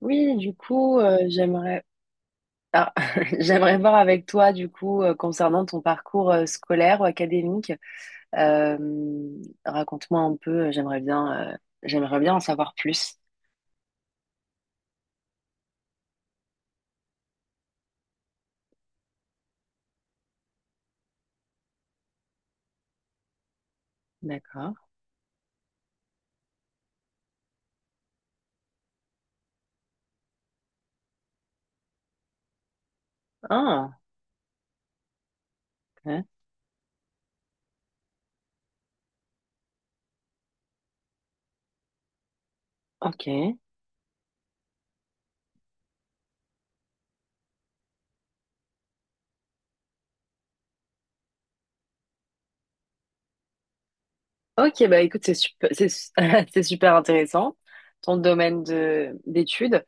Oui, du coup, ah, j'aimerais voir avec toi, du coup, concernant ton parcours scolaire ou académique. Euh, Raconte-moi un peu, j'aimerais bien, j'aimerais bien en savoir plus. D'accord. Ah, ouais. Ok. Ok, bah écoute, c'est super, c'est super intéressant, ton domaine de d'études.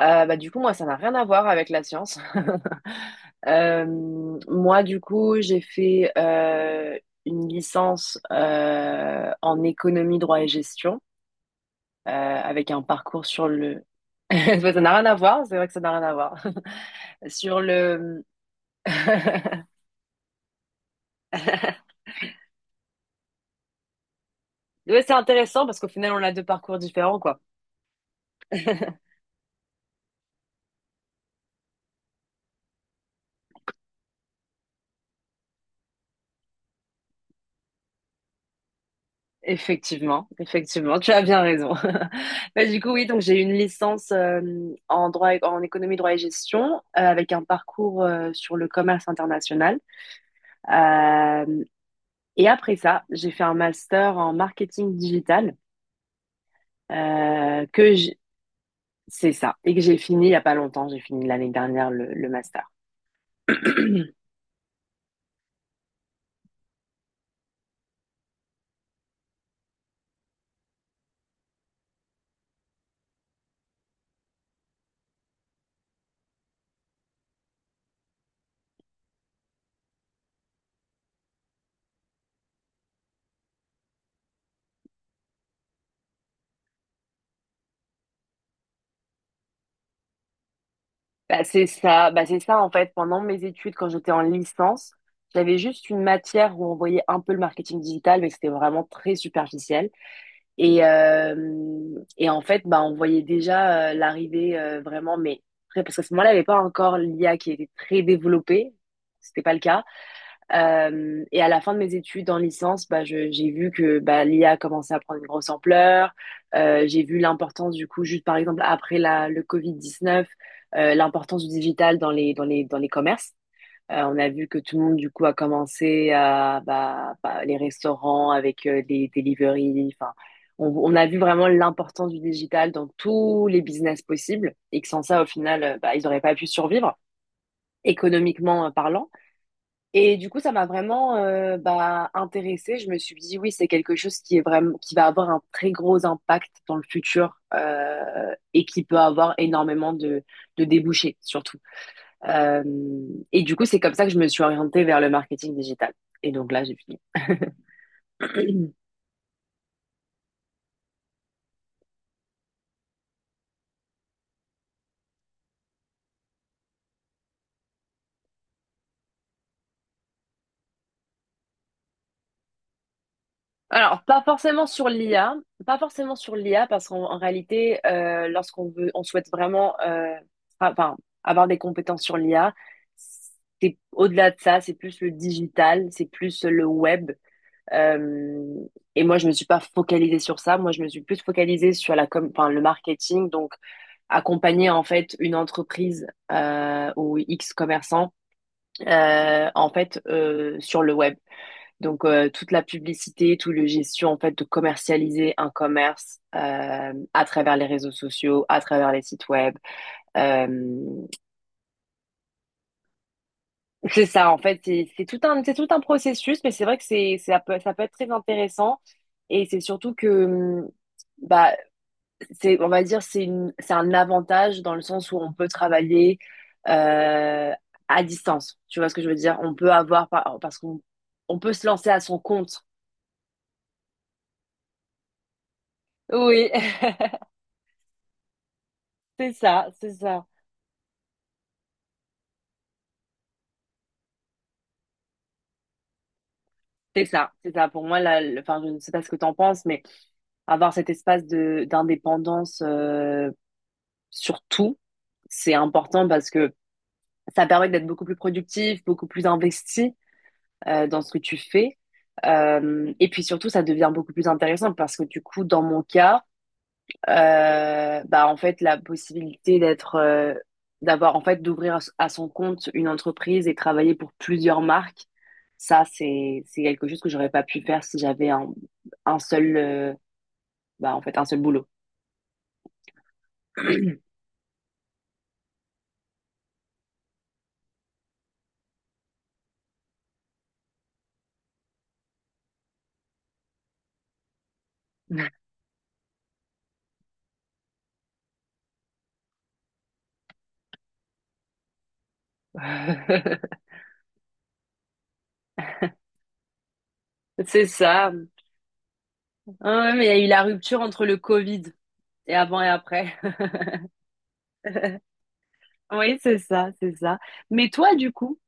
Bah, du coup, moi, ça n'a rien à voir avec la science. Moi, du coup, j'ai fait une licence en économie, droit et gestion, avec un parcours sur le... Ça n'a rien à voir, c'est vrai que ça n'a rien à voir. Sur le... Ouais, c'est intéressant parce qu'au final, on a deux parcours différents, quoi. Effectivement, effectivement, tu as bien raison. Bah, du coup, oui, donc j'ai eu une licence en économie, droit et gestion, avec un parcours sur le commerce international. Euh, Et après ça, j'ai fait un master en marketing digital euh, que j'- c'est ça et que j'ai fini il y a pas longtemps. J'ai fini l'année dernière le master. Bah, c'est ça en fait. Pendant mes études, quand j'étais en licence, j'avais juste une matière où on voyait un peu le marketing digital, mais c'était vraiment très superficiel. Et en fait, bah, on voyait déjà l'arrivée vraiment, mais très, parce qu'à ce moment-là, il n'y avait pas encore l'IA qui était très développée. C'était pas le cas. Et à la fin de mes études en licence, bah, j'ai vu que bah, l'IA commençait à prendre une grosse ampleur. J'ai vu l'importance du coup, juste par exemple après le Covid-19, l'importance du digital dans les commerces. On a vu que tout le monde, du coup, a commencé à bah, les restaurants avec les deliveries. Enfin, on, on a vu vraiment l'importance du digital dans tous les business possibles et que sans ça, au final, bah, ils n'auraient pas pu survivre économiquement parlant. Et du coup, ça m'a vraiment bah, intéressée. Je me suis dit, oui, c'est quelque chose qui est vraiment, qui va avoir un très gros impact dans le futur et qui peut avoir énormément de débouchés, surtout. Euh, et du coup, c'est comme ça que je me suis orientée vers le marketing digital. Et donc là, j'ai fini. Alors, pas forcément sur l'IA, pas forcément sur l'IA, parce qu'en en réalité, lorsqu'on veut, on souhaite vraiment, enfin, avoir des compétences sur l'IA, c'est au-delà de ça, c'est plus le digital, c'est plus le web. Euh, et moi, je me suis pas focalisée sur ça. Moi, je me suis plus focalisée sur la com, enfin, le marketing. Donc, accompagner en fait une entreprise ou X commerçant en fait sur le web. Donc toute la publicité, tout le gestion en fait de commercialiser un commerce à travers les réseaux sociaux, à travers les sites web. Euh, C'est ça, en fait, c'est tout un processus, mais c'est vrai que c'est ça peut être très intéressant. Et c'est surtout que, bah, c'est, on va dire, c'est un avantage dans le sens où on peut travailler euh, à distance. Tu vois ce que je veux dire? On peut avoir, par- Parce qu'on on peut se lancer à son compte. Oui, c'est ça, c'est ça. C'est ça, c'est ça. Pour moi, là, enfin, je ne sais pas ce que tu en penses, mais avoir cet espace de d'indépendance sur tout, c'est important parce que ça permet d'être beaucoup plus productif, beaucoup plus investi dans ce que tu fais. Et puis surtout, ça devient beaucoup plus intéressant parce que du coup, dans mon cas, bah en fait, la possibilité d'avoir en fait d'ouvrir à son compte une entreprise et travailler pour plusieurs marques, ça c'est quelque chose que j'aurais pas pu faire si j'avais un seul, bah en fait un seul boulot. C'est ça. Ah ouais, mais il y a eu la rupture entre le Covid et avant et après. Oui, c'est ça, c'est ça. Mais toi, du coup,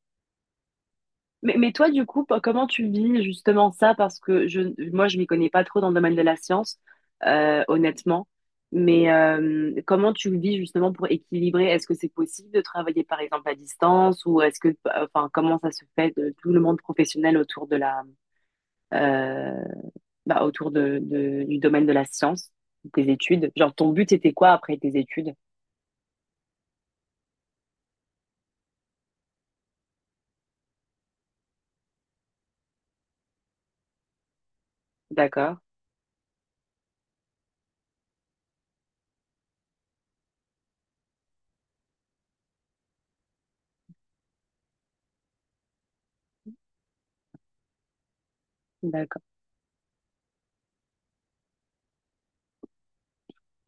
comment tu vis justement ça? Parce que moi, je m'y connais pas trop dans le domaine de la science, honnêtement. Mais comment tu le vis justement pour équilibrer? Est-ce que c'est possible de travailler par exemple à distance ou est-ce que, enfin, comment ça se fait de tout le monde professionnel euh, autour du domaine de la science, de tes études? Genre, ton but c'était quoi après tes études? D'accord, d'accord,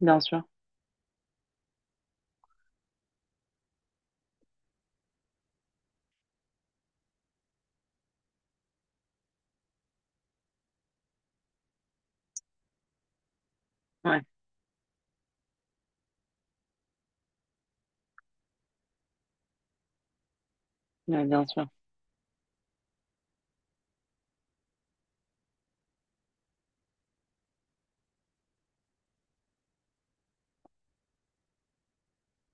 bien sûr. Ouais, ouais, bien sûr.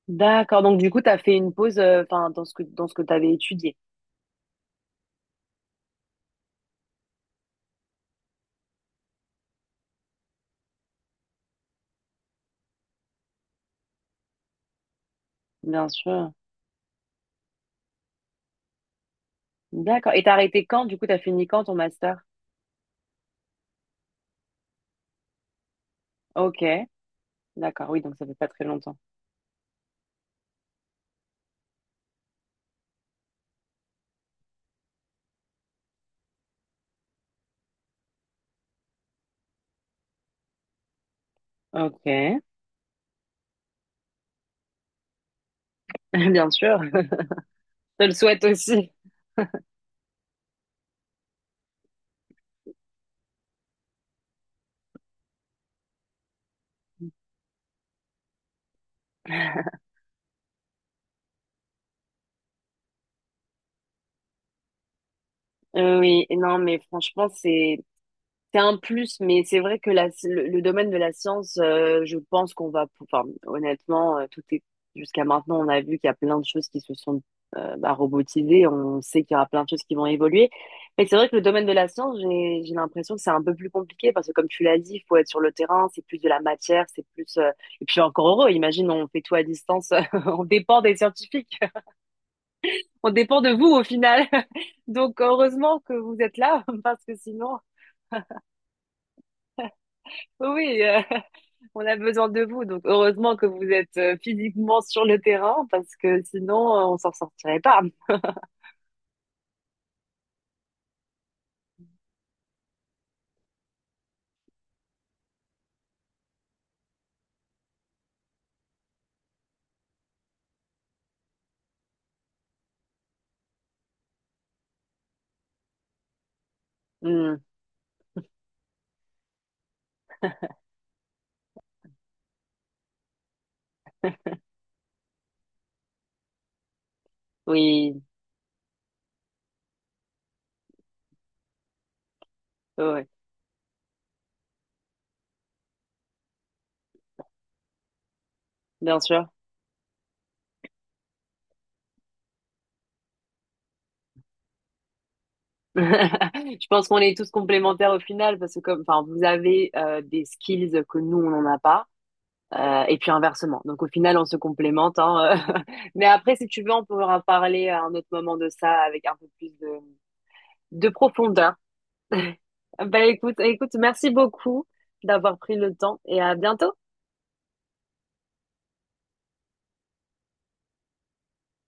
D'accord. Donc, du coup, tu as fait une pause enfin, dans ce que tu avais étudié, bien sûr. D'accord. Et t'as arrêté quand? Du coup, t'as fini quand ton master? Ok. D'accord. Oui, donc ça fait pas très longtemps. Ok. Bien sûr. Je te le souhaite aussi. Oui. Et non, mais franchement, c'est un plus, mais c'est vrai que le domaine de la science, je pense qu'enfin, honnêtement, tout est, jusqu'à maintenant, on a vu qu'il y a plein de choses qui se sont bah, robotisées, on sait qu'il y aura plein de choses qui vont évoluer, mais c'est vrai que le domaine de la science, j'ai l'impression que c'est un peu plus compliqué, parce que comme tu l'as dit, il faut être sur le terrain, c'est plus de la matière, c'est plus, et puis encore heureux, imagine, on fait tout à distance, on dépend des scientifiques, on dépend de vous au final, donc heureusement que vous êtes là, parce que sinon, oui, oui, on a besoin de vous, donc heureusement que vous êtes physiquement sur le terrain parce que sinon on s'en sortirait pas. Hmm, oui, ouais, ouais. Bien sûr. Je pense qu'on est tous complémentaires au final parce que comme, enfin, vous avez des skills que nous on n'en a pas. Et puis inversement. Donc au final, on se complémente, hein. Mais après, si tu veux, on pourra parler à un autre moment de ça avec un peu plus de profondeur. Bah écoute, écoute, merci beaucoup d'avoir pris le temps et à bientôt.